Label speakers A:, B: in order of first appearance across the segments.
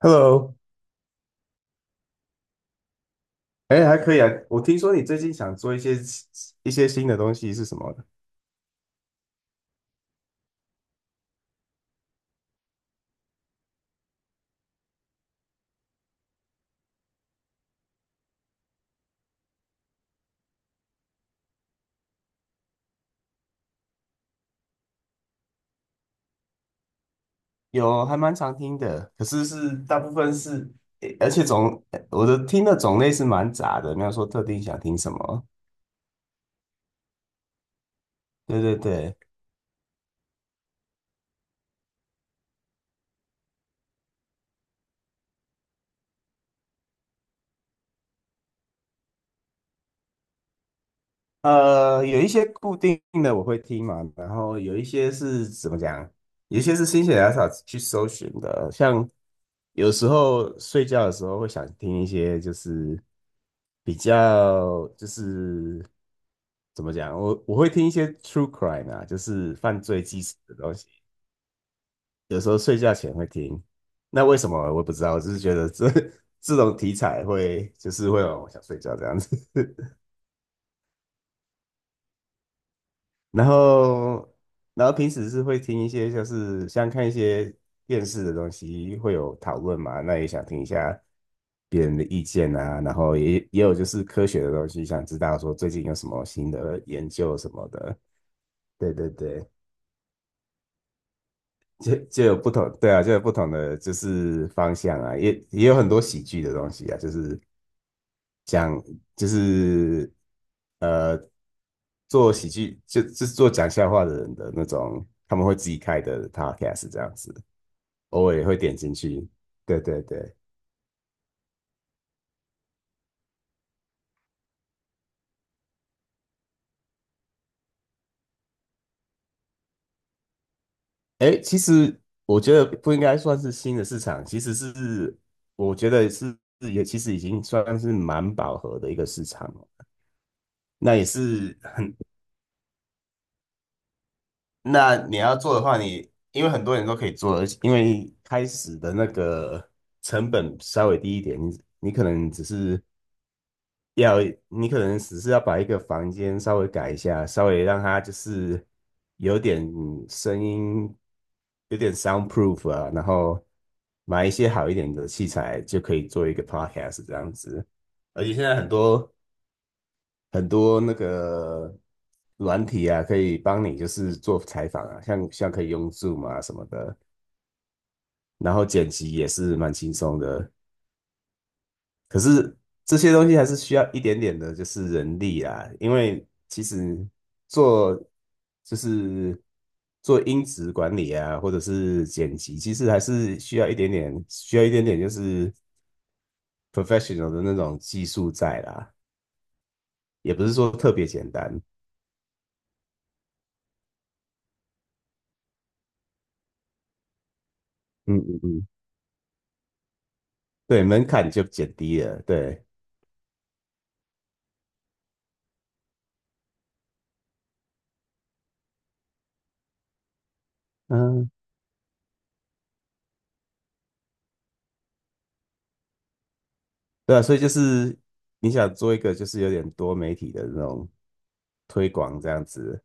A: Hello。哎，还可以啊。我听说你最近想做一些新的东西是什么的。有，还蛮常听的，可是是大部分是，诶而且种我的听的种类是蛮杂的，没有说特定想听什么。对对对。有一些固定的我会听嘛，然后有一些是怎么讲，有一些是心血来潮去搜寻的，像有时候睡觉的时候会想听一些，就是比较，就是怎么讲，我会听一些 true crime 啊，就是犯罪纪实的东西，有时候睡觉前会听。那为什么我也不知道，我只是觉得这 这种题材会就是会让我想睡觉这样子。然后，然后平时是会听一些，就是像看一些电视的东西，会有讨论嘛，那也想听一下别人的意见啊，然后也有就是科学的东西，想知道说最近有什么新的研究什么的。对对对，就有不同，对啊，就有不同的就是方向啊，也有很多喜剧的东西啊，就是讲就是呃做喜剧就是做讲笑话的人的那种，他们会自己开的 podcast 这样子。偶尔也会点进去。对对对。哎，其实我觉得不应该算是新的市场，其实是我觉得是也其实已经算是蛮饱和的一个市场了。那也是，那你要做的话你，因为很多人都可以做，而且因为开始的那个成本稍微低一点，你可能只是要，可能只是要把一个房间稍微改一下，稍微让它就是有点声音，有点 soundproof 啊，然后买一些好一点的器材就可以做一个 podcast 这样子。而且现在很多，那个软体啊，可以帮你就是做采访啊，像可以用 Zoom 啊什么的，然后剪辑也是蛮轻松的。可是这些东西还是需要一点点的，就是人力啊，因为其实做，就是做音质管理啊，或者是剪辑，其实还是需要一点点，需要一点点就是 professional 的那种技术在啦，也不是说特别简单。嗯嗯嗯。对，门槛就减低了，对。嗯，对啊，所以就是你想做一个就是有点多媒体的那种推广这样子，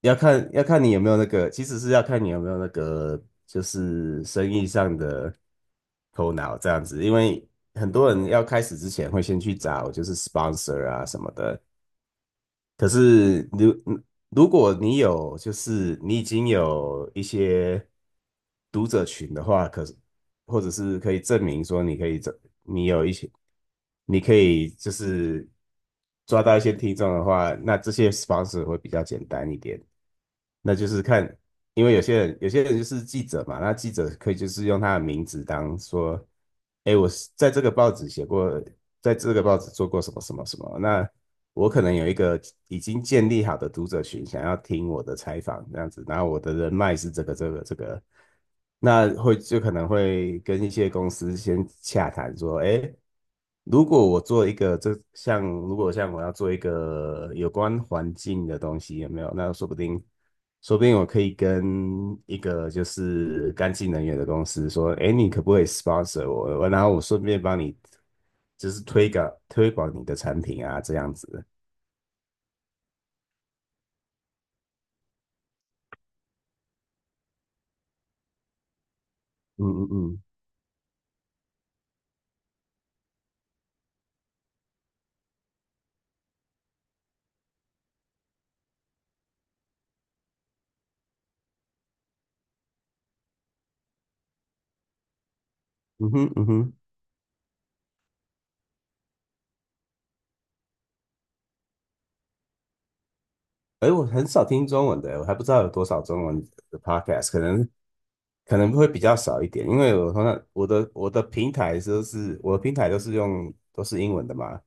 A: 要看，要看你有没有那个，其实是要看你有没有那个，就是生意上的头脑这样子。因为很多人要开始之前会先去找就是 sponsor 啊什么的，可是如，如果你有就是你已经有一些读者群的话，可是或者是可以证明说你可以这，你有一些，你可以就是抓到一些听众的话，那这些 sponsor 会比较简单一点。那就是看，因为有些人就是记者嘛，那记者可以就是用他的名字当说，哎，我是在这个报纸写过，在这个报纸做过什么什么什么，那我可能有一个已经建立好的读者群，想要听我的采访这样子，然后我的人脉是这个这个这个，那会就可能会跟一些公司先洽谈说，哎，如果我做一个这，像如果像我要做一个有关环境的东西，有没有？那说不定，说不定我可以跟一个就是干净能源的公司说，哎，你可不可以 sponsor 我？然后我顺便帮你就是推广你的产品啊，这样子。嗯嗯嗯，嗯哼，嗯哼。哎，我很少听中文的，我还不知道有多少中文的 podcast，可能，可能会比较少一点，因为我通常我的平台都是，我的平台都是用，都是英文的嘛，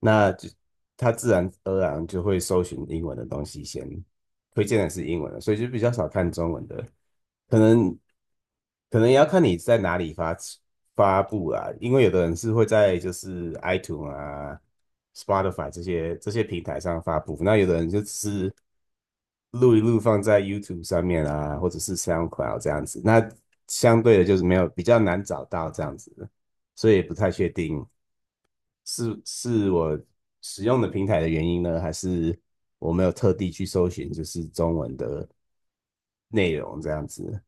A: 那就它自然而然就会搜寻英文的东西先，推荐的是英文的，所以就比较少看中文的，可能，可能也要看你在哪里发，发布啊，因为有的人是会在就是 iTunes 啊、Spotify 这些平台上发布，那有的人就只是录一录放在 YouTube 上面啊，或者是 SoundCloud 这样子。那相对的就是没有，比较难找到这样子，所以也不太确定是，我使用的平台的原因呢，还是我没有特地去搜寻就是中文的内容这样子。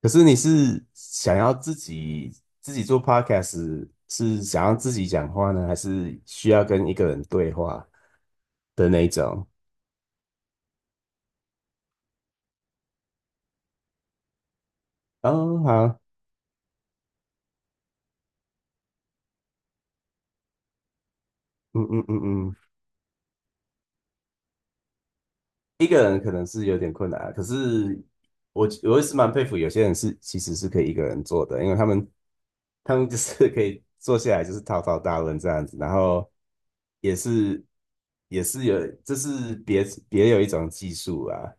A: 可是你是想要自己，自己做 podcast，是想要自己讲话呢，还是需要跟一个人对话的那一种？哦，好。嗯嗯嗯嗯。一个人可能是有点困难啊，可是我也是蛮佩服有些人是其实是可以一个人做的，因为他们，他们就是可以坐下来就是滔滔大论这样子，然后也是，有这是别，别有一种技术啊。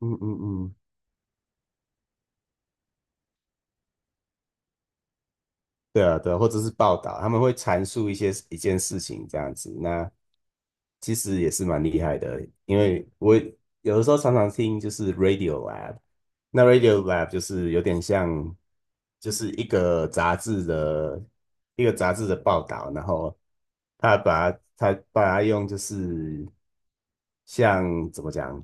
A: 嗯嗯嗯。对啊对啊，或者是报道，他们会阐述一些一件事情这样子，那其实也是蛮厉害的，因为我有的时候常常听就是 Radio Lab。那 Radio Lab 就是有点像就是一个杂志的，一个杂志的报道，然后他把它他把它用就是，像怎么讲，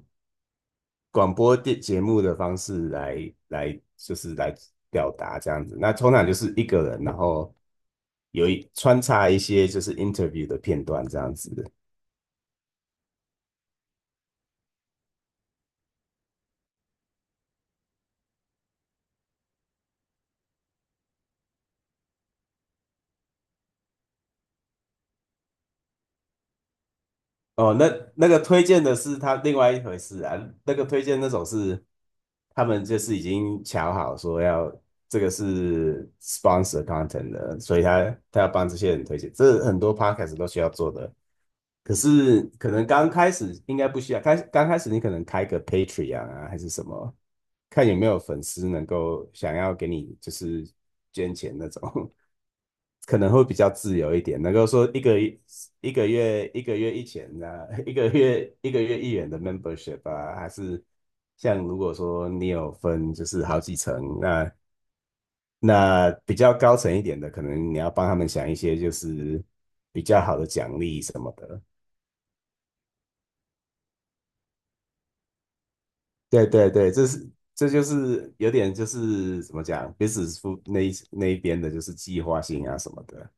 A: 广播电节目的方式来就是来表达这样子。那通常就是一个人，然后有一，穿插一些就是 interview 的片段这样子。哦，那那个推荐的是他另外一回事啊，那个推荐那种是他们就是已经瞧好说要这个是 sponsor content 的，所以他要帮这些人推荐，这很多 podcast 都需要做的。可是可能刚开始应该不需要，开，刚开始你可能开个 Patreon 啊，还是什么，看有没有粉丝能够想要给你就是捐钱那种。可能会比较自由一点，能够说一个，一个月一千啊，一个月一元的 membership 啊，还是像如果说你有分就是好几层，那，比较高层一点的，可能你要帮他们想一些就是比较好的奖励什么的。对对对，这就是有点，就是怎么讲，business school 那一边的就是计划性啊什么的。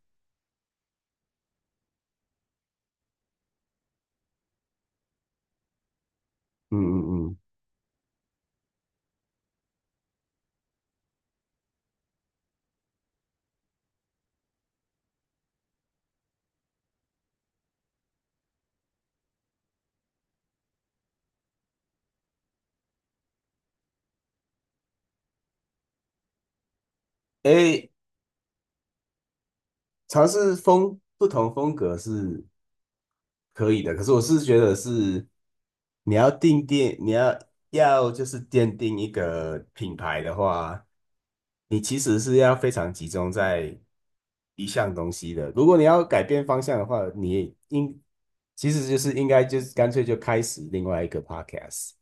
A: 嗯嗯嗯。诶，尝试风，不同风格是可以的，可是我是觉得是，你要定，定，你要要就是奠定一个品牌的话，你其实是要非常集中在一项东西的。如果你要改变方向的话，你应，其实就是应该就是干脆就开始另外一个 podcast。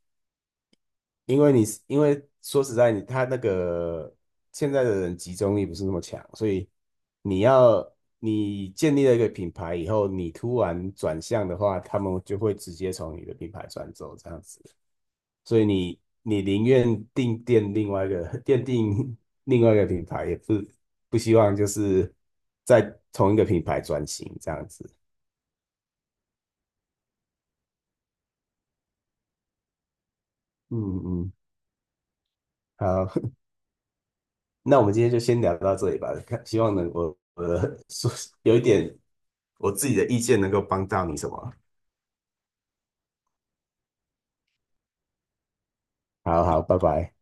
A: 因为你，因为说实在，你，那个现在的人集中力不是那么强，所以你要，建立了一个品牌以后，你突然转向的话，他们就会直接从你的品牌转走这样子。所以你宁愿定店另外一个 奠定另外一个品牌，也，不希望就是在同一个品牌转型这样子。嗯嗯。好。那我们今天就先聊到这里吧。看希望能，我的 说有一点我自己的意见能够帮到你什么？好好，拜拜。